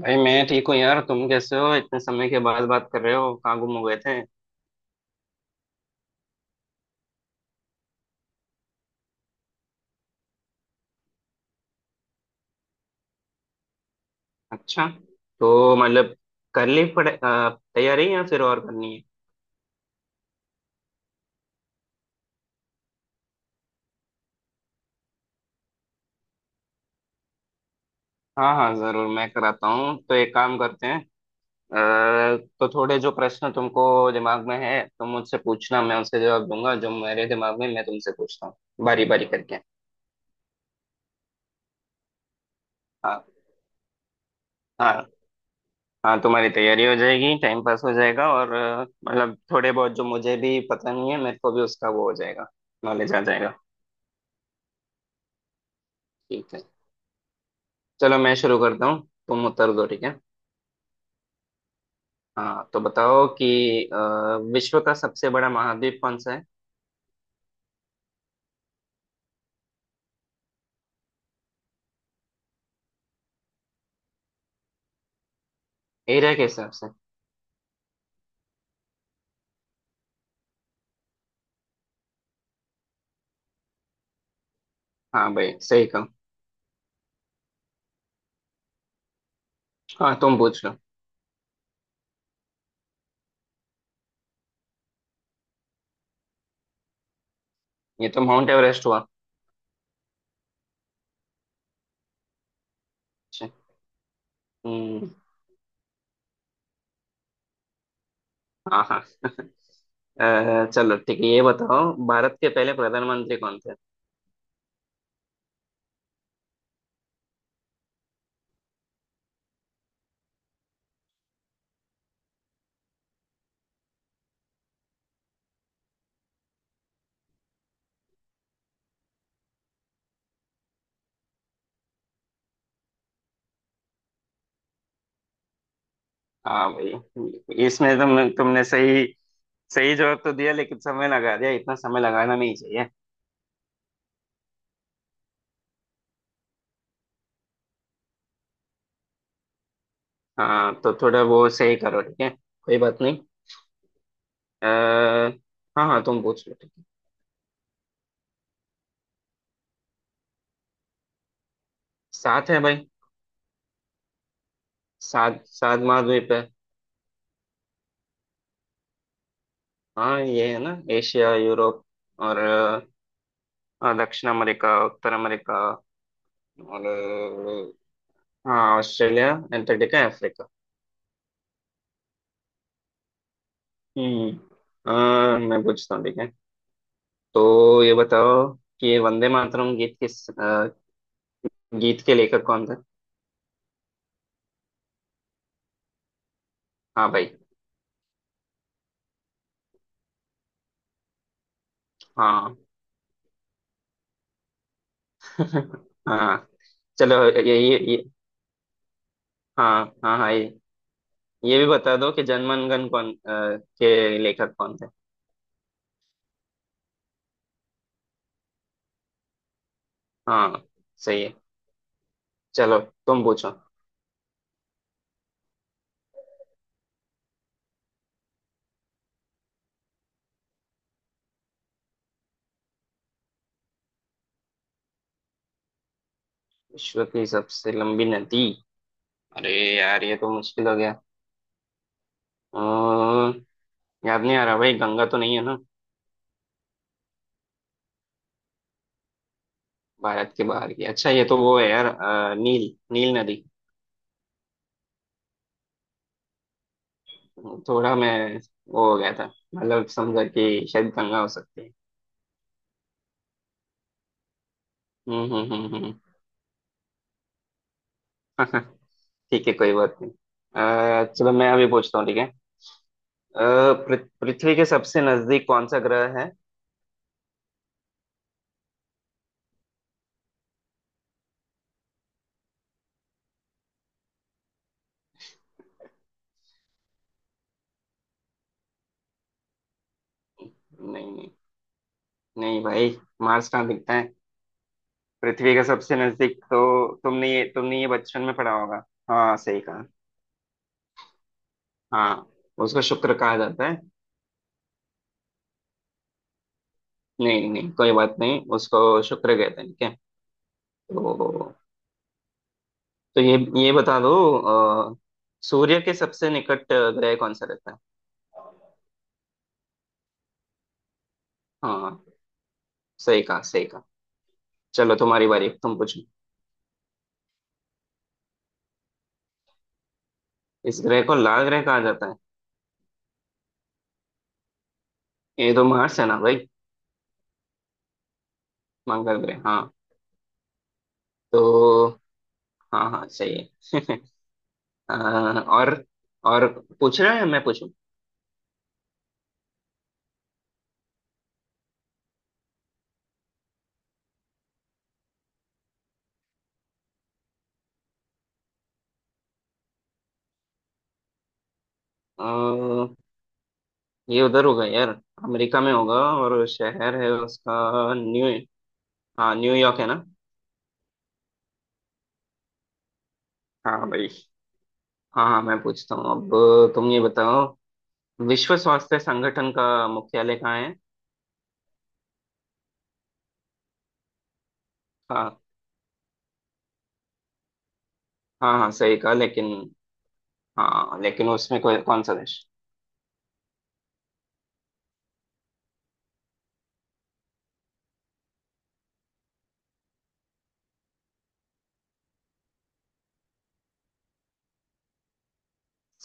भाई मैं ठीक हूँ यार। तुम कैसे हो? इतने समय के बाद बात कर रहे हो, कहाँ गुम हो गए थे? अच्छा। तो मतलब कर ली पड़े तैयारी या फिर और करनी है? हाँ हाँ जरूर, मैं कराता हूँ। तो एक काम करते हैं। तो थोड़े जो प्रश्न तुमको दिमाग में है तुम मुझसे पूछना, मैं उसके जवाब दूंगा, जो मेरे दिमाग में मैं तुमसे पूछता हूँ बारी बारी करके। हाँ हाँ। हाँ तुम्हारी तैयारी हो जाएगी, टाइम पास हो जाएगा और मतलब थोड़े बहुत जो मुझे भी पता नहीं है मेरे को भी उसका वो हो जाएगा, नॉलेज आ जाएगा। ठीक है। चलो मैं शुरू करता हूँ, तुम उत्तर दो, ठीक है? हाँ तो बताओ कि अ, विश्व का सबसे बड़ा महाद्वीप कौन सा है? एरिया के हिसाब से। हाँ भाई, सही कहा। हाँ तुम पूछ लो। ये तो माउंट एवरेस्ट हुआ। अच्छा। हम्म। हाँ हाँ। चलो ठीक है, ये बताओ भारत के पहले प्रधानमंत्री कौन थे? हाँ भाई, इसमें तुमने सही सही जवाब तो दिया लेकिन समय लगा दिया, इतना समय लगाना नहीं चाहिए। हाँ तो थोड़ा वो सही करो, ठीक है, कोई बात नहीं। अ, हाँ हाँ तुम पूछ लो। सात है भाई। सात सात महाद्वीप है। हाँ ये है ना, एशिया, यूरोप और हाँ, दक्षिण अमेरिका, उत्तर अमेरिका और हाँ ऑस्ट्रेलिया, एंटार्क्टिका, अफ्रीका। हम्म। मैं पूछता हूँ, ठीक है? तो ये बताओ कि ये वंदे मातरम गीत किस गीत के लेखक कौन थे? हाँ भाई। हाँ। हाँ चलो ये हाँ हाँ हाँ, ये भी बता दो कि जनमनगन कौन के लेखक कौन थे? हाँ सही है। चलो तुम पूछो। विश्व की सबसे लंबी नदी? अरे यार, ये तो मुश्किल हो गया। अम्म, याद नहीं आ रहा भाई, गंगा तो नहीं है ना? भारत के बाहर की? अच्छा ये तो वो है यार, नील नील नदी। थोड़ा मैं वो हो गया था, मतलब समझा कि शायद गंगा हो सकती है। हम्म, हम्म, हम्म, हम्म। ठीक है, कोई बात नहीं। चलो मैं अभी पूछता हूँ, ठीक है? अ, पृथ्वी के सबसे नजदीक कौन सा ग्रह है? नहीं नहीं। नहीं भाई, मार्स कहाँ दिखता है? पृथ्वी का सबसे नजदीक तो, तुमने ये बचपन में पढ़ा होगा। हाँ सही कहा। हाँ उसको शुक्र कहा जाता है। नहीं नहीं कोई बात नहीं, उसको शुक्र कहते हैं, ठीक है। तो तो ये बता दो अ, सूर्य के सबसे निकट ग्रह कौन सा रहता है? हाँ, सही कहा, सही कहा। चलो तुम्हारी बारी, तुम पूछो। इस ग्रह को लाल ग्रह कहा जाता है? ये तो मार्स है ना भाई, मंगल ग्रह, हाँ। तो हाँ हाँ सही है। अ, और और पूछ रहे हैं, मैं पूछूं? ये उधर होगा यार, अमेरिका में होगा। और शहर है उसका, न्यू। हाँ न्यूयॉर्क है ना। हाँ भाई, हाँ हाँ मैं पूछता हूँ अब। तुम ये बताओ विश्व स्वास्थ्य संगठन का मुख्यालय कहाँ है? हाँ, हाँ हाँ सही कहा लेकिन, हाँ लेकिन उसमें कोई, कौन सा देश?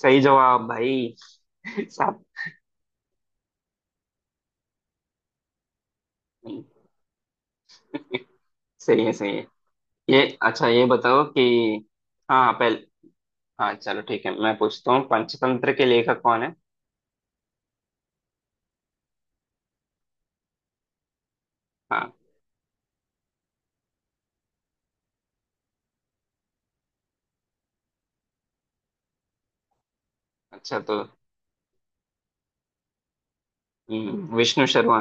सही जवाब भाई। साहब। सही है, सही है। ये, अच्छा ये बताओ कि, हाँ हाँ, पहले, हाँ चलो ठीक है मैं पूछता हूँ। पंचतंत्र के लेखक कौन है? हाँ। अच्छा तो विष्णु शर्मा।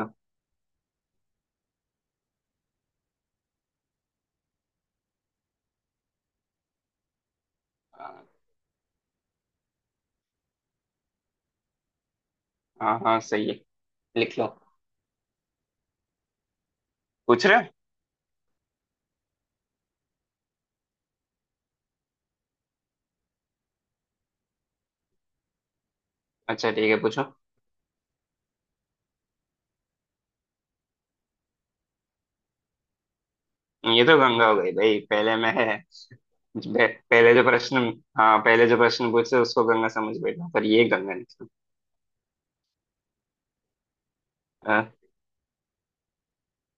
हाँ हाँ सही है, लिख लो। पूछ रहे हो? अच्छा ठीक है पूछो। ये तो गंगा हो गई भाई, पहले मैं है। पहले जो प्रश्न, हाँ पहले जो प्रश्न पूछे उसको गंगा समझ बैठा पर ये गंगा निकला।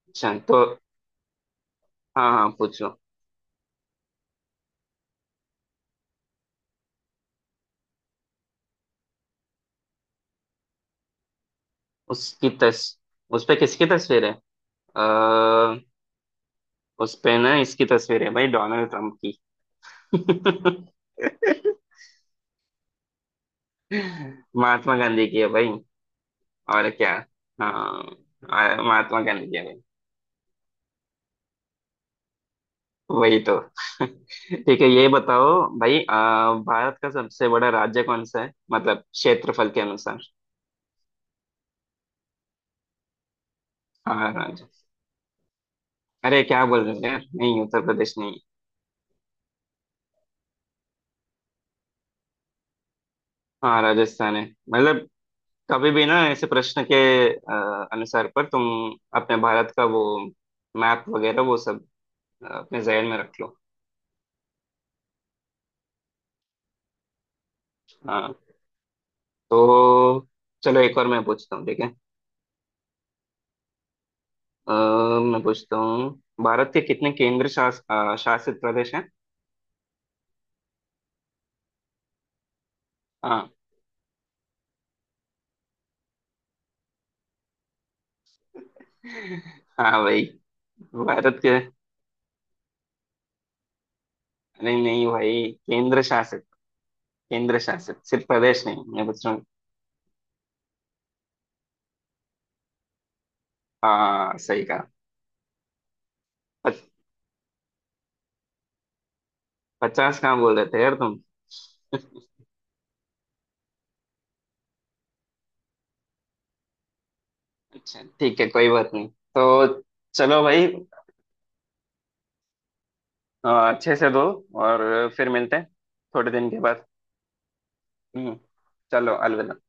अच्छा तो हाँ हाँ पूछो। उसकी तस उस पे किसकी तस्वीर है? आ, उस पे ना इसकी तस्वीर है भाई, डोनाल्ड ट्रंप की। महात्मा गांधी की है भाई, और क्या? हाँ, महात्मा गांधी की है भाई। वही तो। ठीक है, ये बताओ भाई भारत का सबसे बड़ा राज्य कौन सा है, मतलब क्षेत्रफल के अनुसार? हाँ राज्य, अरे क्या बोल रहे हो यार, नहीं उत्तर प्रदेश नहीं। हाँ राजस्थान है। मतलब, कभी भी ना ऐसे प्रश्न के अनुसार पर तुम अपने भारत का वो मैप वगैरह वो सब अपने जहन में रख लो। हाँ। तो चलो एक और मैं पूछता हूँ, ठीक है? अ, मैं पूछता हूँ, भारत के कितने केंद्र शासित प्रदेश हैं? हाँ। हाँ भाई, भारत के, नहीं नहीं भाई केंद्र शासित, केंद्र शासित सिर्फ प्रदेश नहीं मैं पूछ रहा हूँ। हाँ सही कहा। पच, 50 कहाँ बोल रहे थे यार तुम? अच्छा ठीक है कोई बात नहीं। तो चलो भाई अच्छे से दो और फिर मिलते हैं थोड़े दिन के बाद। हम्म। चलो अलविदा।